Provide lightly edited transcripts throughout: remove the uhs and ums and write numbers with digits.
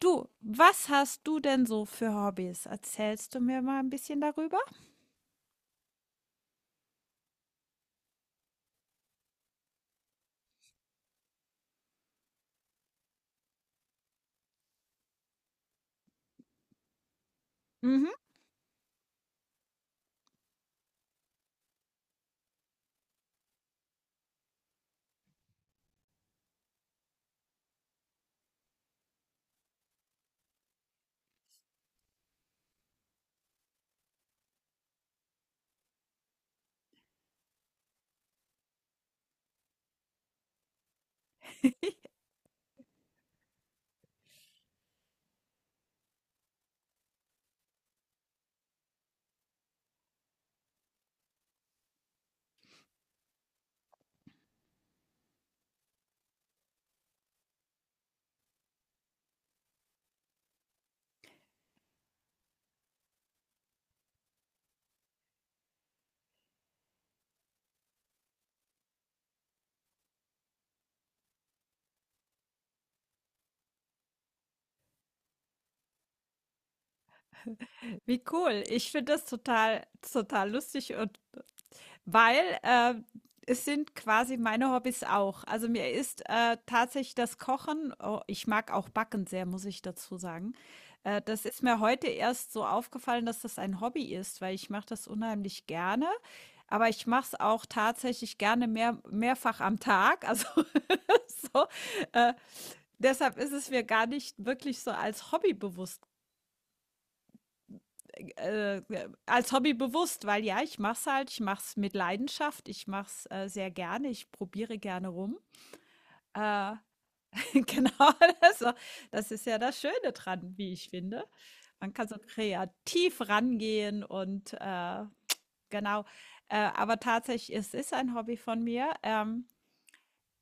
Du, was hast du denn so für Hobbys? Erzählst du mir mal ein bisschen darüber? Mhm. Wie cool. Ich finde das total, total lustig und weil es sind quasi meine Hobbys auch. Also mir ist tatsächlich das Kochen, oh, ich mag auch Backen sehr, muss ich dazu sagen. Das ist mir heute erst so aufgefallen, dass das ein Hobby ist, weil ich mache das unheimlich gerne. Aber ich mache es auch tatsächlich gerne mehrfach am Tag. Also so. Äh, Deshalb ist es mir gar nicht wirklich so als Hobby bewusst, weil ja, ich mache es halt, ich mache es mit Leidenschaft, ich mach's sehr gerne, ich probiere gerne rum. Äh, genau, also, das ist ja das Schöne dran, wie ich finde. Man kann so kreativ rangehen und genau. Aber tatsächlich, es ist ein Hobby von mir.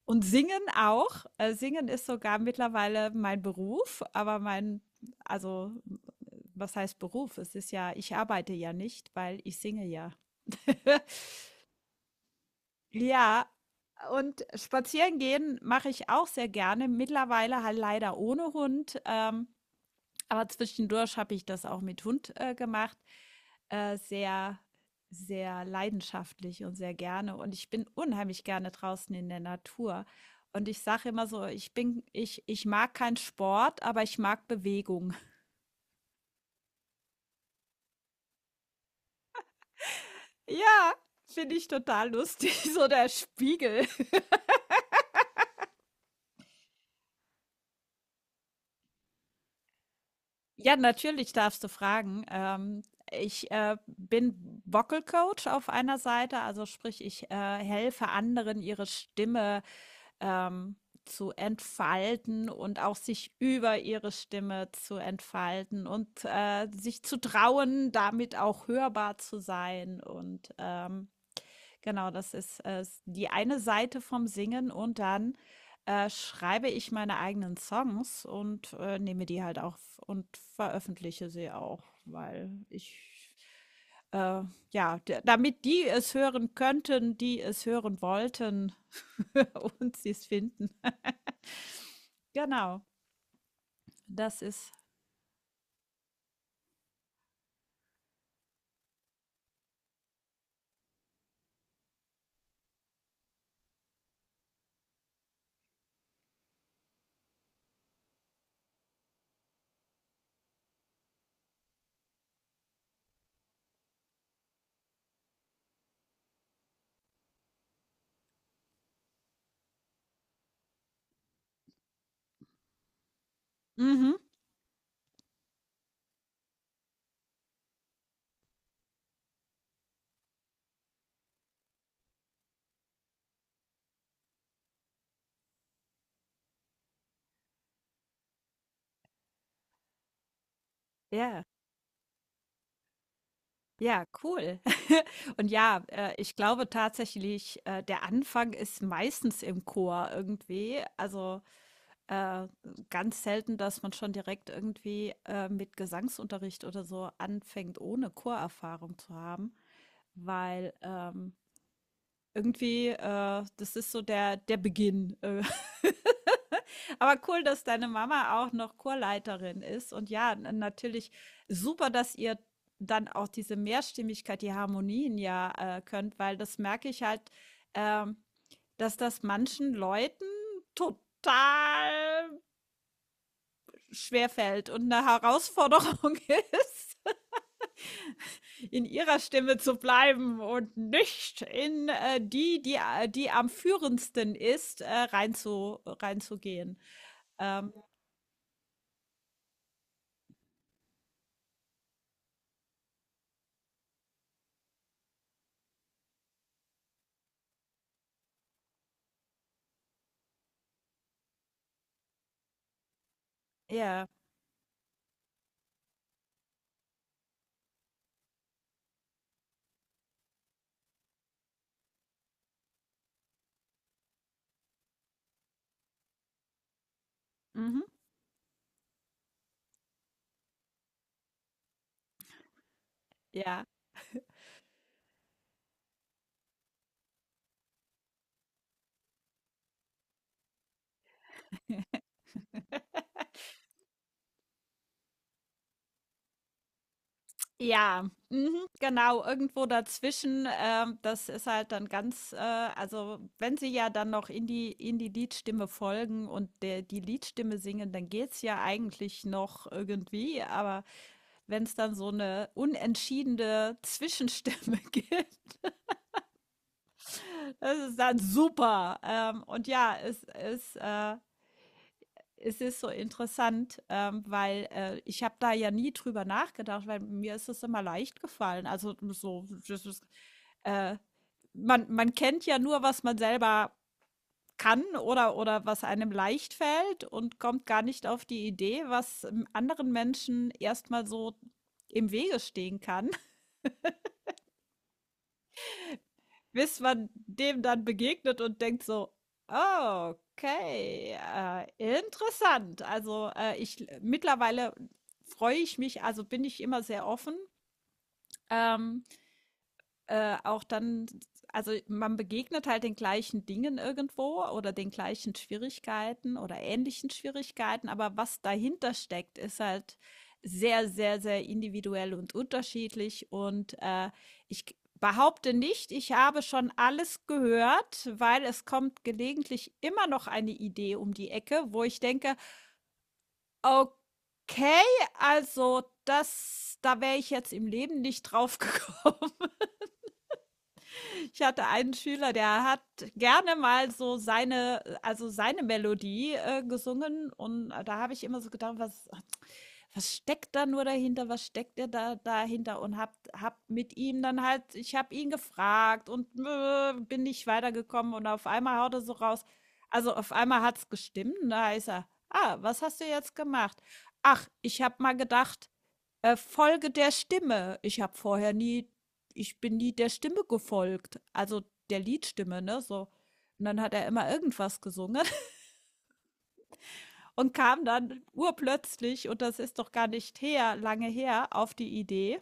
Und singen auch. Singen ist sogar mittlerweile mein Beruf, aber mein, also was heißt Beruf? Es ist ja, ich arbeite ja nicht, weil ich singe ja. Ja, und spazieren gehen mache ich auch sehr gerne. Mittlerweile halt leider ohne Hund. Aber zwischendurch habe ich das auch mit Hund gemacht. Sehr, sehr leidenschaftlich und sehr gerne. Und ich bin unheimlich gerne draußen in der Natur. Und ich sage immer so, ich mag keinen Sport, aber ich mag Bewegung. Ja, finde ich total lustig. So der Spiegel. Ja, natürlich darfst du fragen. Ich bin Vocal Coach auf einer Seite, also sprich, ich helfe anderen, ihre Stimme ähm, zu entfalten und auch sich über ihre Stimme zu entfalten und sich zu trauen, damit auch hörbar zu sein. Und genau, das ist die eine Seite vom Singen und dann schreibe ich meine eigenen Songs und nehme die halt auch und veröffentliche sie auch, weil äh, ja, damit die es hören könnten, die es hören wollten und sie es finden. Genau, das ist mhm, ja, ja, cool. Und ja, ich glaube tatsächlich, der Anfang ist meistens im Chor irgendwie. Also äh, ganz selten, dass man schon direkt irgendwie mit Gesangsunterricht oder so anfängt, ohne Chorerfahrung zu haben, weil irgendwie, das ist so der Beginn. Aber cool, dass deine Mama auch noch Chorleiterin ist. Und ja, n- natürlich super, dass ihr dann auch diese Mehrstimmigkeit, die Harmonien ja könnt, weil das merke ich halt, ähm, dass das manchen Leuten total schwerfällt und eine Herausforderung ist. In ihrer Stimme zu bleiben und nicht in die am führendsten ist, reinzugehen. Ähm, ja, mhm, ja. Ja, mhm, genau, irgendwo dazwischen. Das ist halt dann also wenn sie ja dann noch in die Liedstimme folgen und die Liedstimme singen, dann geht's ja eigentlich noch irgendwie, aber wenn es dann so eine unentschiedene Zwischenstimme gibt, das ist dann super. Und ja, es ist so interessant, weil ich habe da ja nie drüber nachgedacht, weil mir ist es immer leicht gefallen. Also so, äh, man, man kennt ja nur, was man selber kann oder was einem leicht fällt und kommt gar nicht auf die Idee, was anderen Menschen erstmal so im Wege stehen kann. Bis man dem dann begegnet und denkt so: „Ah, okay, interessant.“ Also, ich mittlerweile freue ich mich also, bin ich immer sehr offen, ähm auch dann, also man begegnet halt den gleichen Dingen irgendwo oder den gleichen Schwierigkeiten oder ähnlichen Schwierigkeiten, aber was dahinter steckt, ist halt sehr, sehr, sehr individuell und unterschiedlich. Und ich behaupte nicht, ich habe schon alles gehört, weil es kommt gelegentlich immer noch eine Idee um die Ecke, wo ich denke, okay, also das, da wäre ich jetzt im Leben nicht drauf gekommen. Ich hatte einen Schüler, der hat gerne mal so also seine Melodie gesungen und da habe ich immer so gedacht, was steckt da nur dahinter, was steckt er da dahinter und hab mit ihm dann halt, ich habe ihn gefragt und bin nicht weitergekommen und auf einmal haut er so raus, also auf einmal hat's gestimmt, und da ist er, ah, was hast du jetzt gemacht? Ach, ich habe mal gedacht, folge der Stimme. Ich bin nie der Stimme gefolgt, also der Liedstimme, ne, so. Und dann hat er immer irgendwas gesungen und kam dann urplötzlich, und das ist doch gar nicht her, lange her, auf die Idee,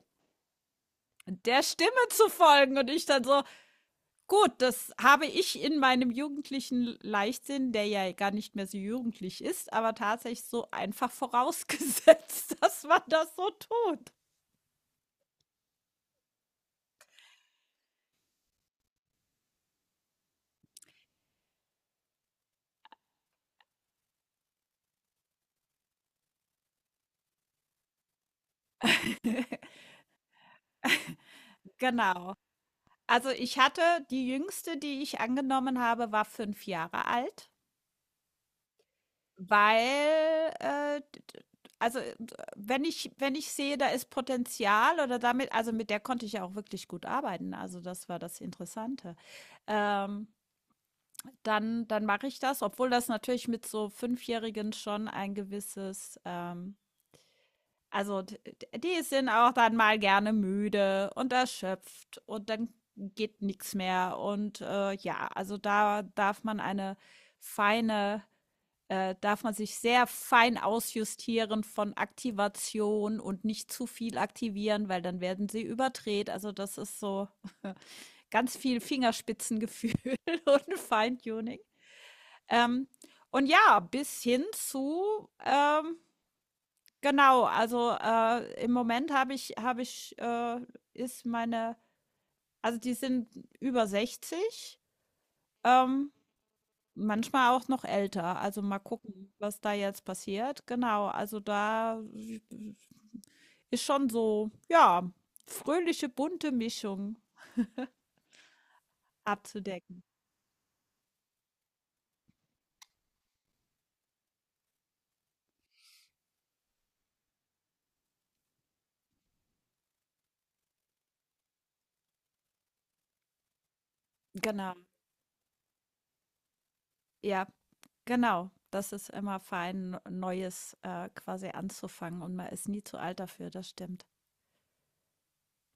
der Stimme zu folgen. Und ich dann so, gut, das habe ich in meinem jugendlichen Leichtsinn, der ja gar nicht mehr so jugendlich ist, aber tatsächlich so einfach vorausgesetzt, dass man das so tut. Genau. Also, ich hatte die jüngste, die ich angenommen habe, war 5 Jahre alt, weil, d d also, d wenn ich sehe, da ist Potenzial oder damit also, mit der konnte ich ja auch wirklich gut arbeiten, also, das war das Interessante. Ähm, Dann mache ich das, obwohl das natürlich mit so Fünfjährigen schon ein gewisses, also, d d die sind auch dann mal gerne müde und erschöpft und dann geht nichts mehr und, ja, also, da darf man eine feine darf man sich sehr fein ausjustieren von Aktivation und nicht zu viel aktivieren, weil dann werden sie überdreht. Also, das ist so ganz viel Fingerspitzengefühl und Feintuning. Ähm, und ja, bis hin zu, genau, also, im Moment habe ich, ist meine also, die sind über 60, ähm, manchmal auch noch älter. Also, mal gucken, was da jetzt passiert. Genau, also, da ist schon so, ja, fröhliche, bunte Mischung abzudecken. Genau, ja, genau. Das ist immer fein, Neues, quasi anzufangen und man ist nie zu alt dafür, das stimmt.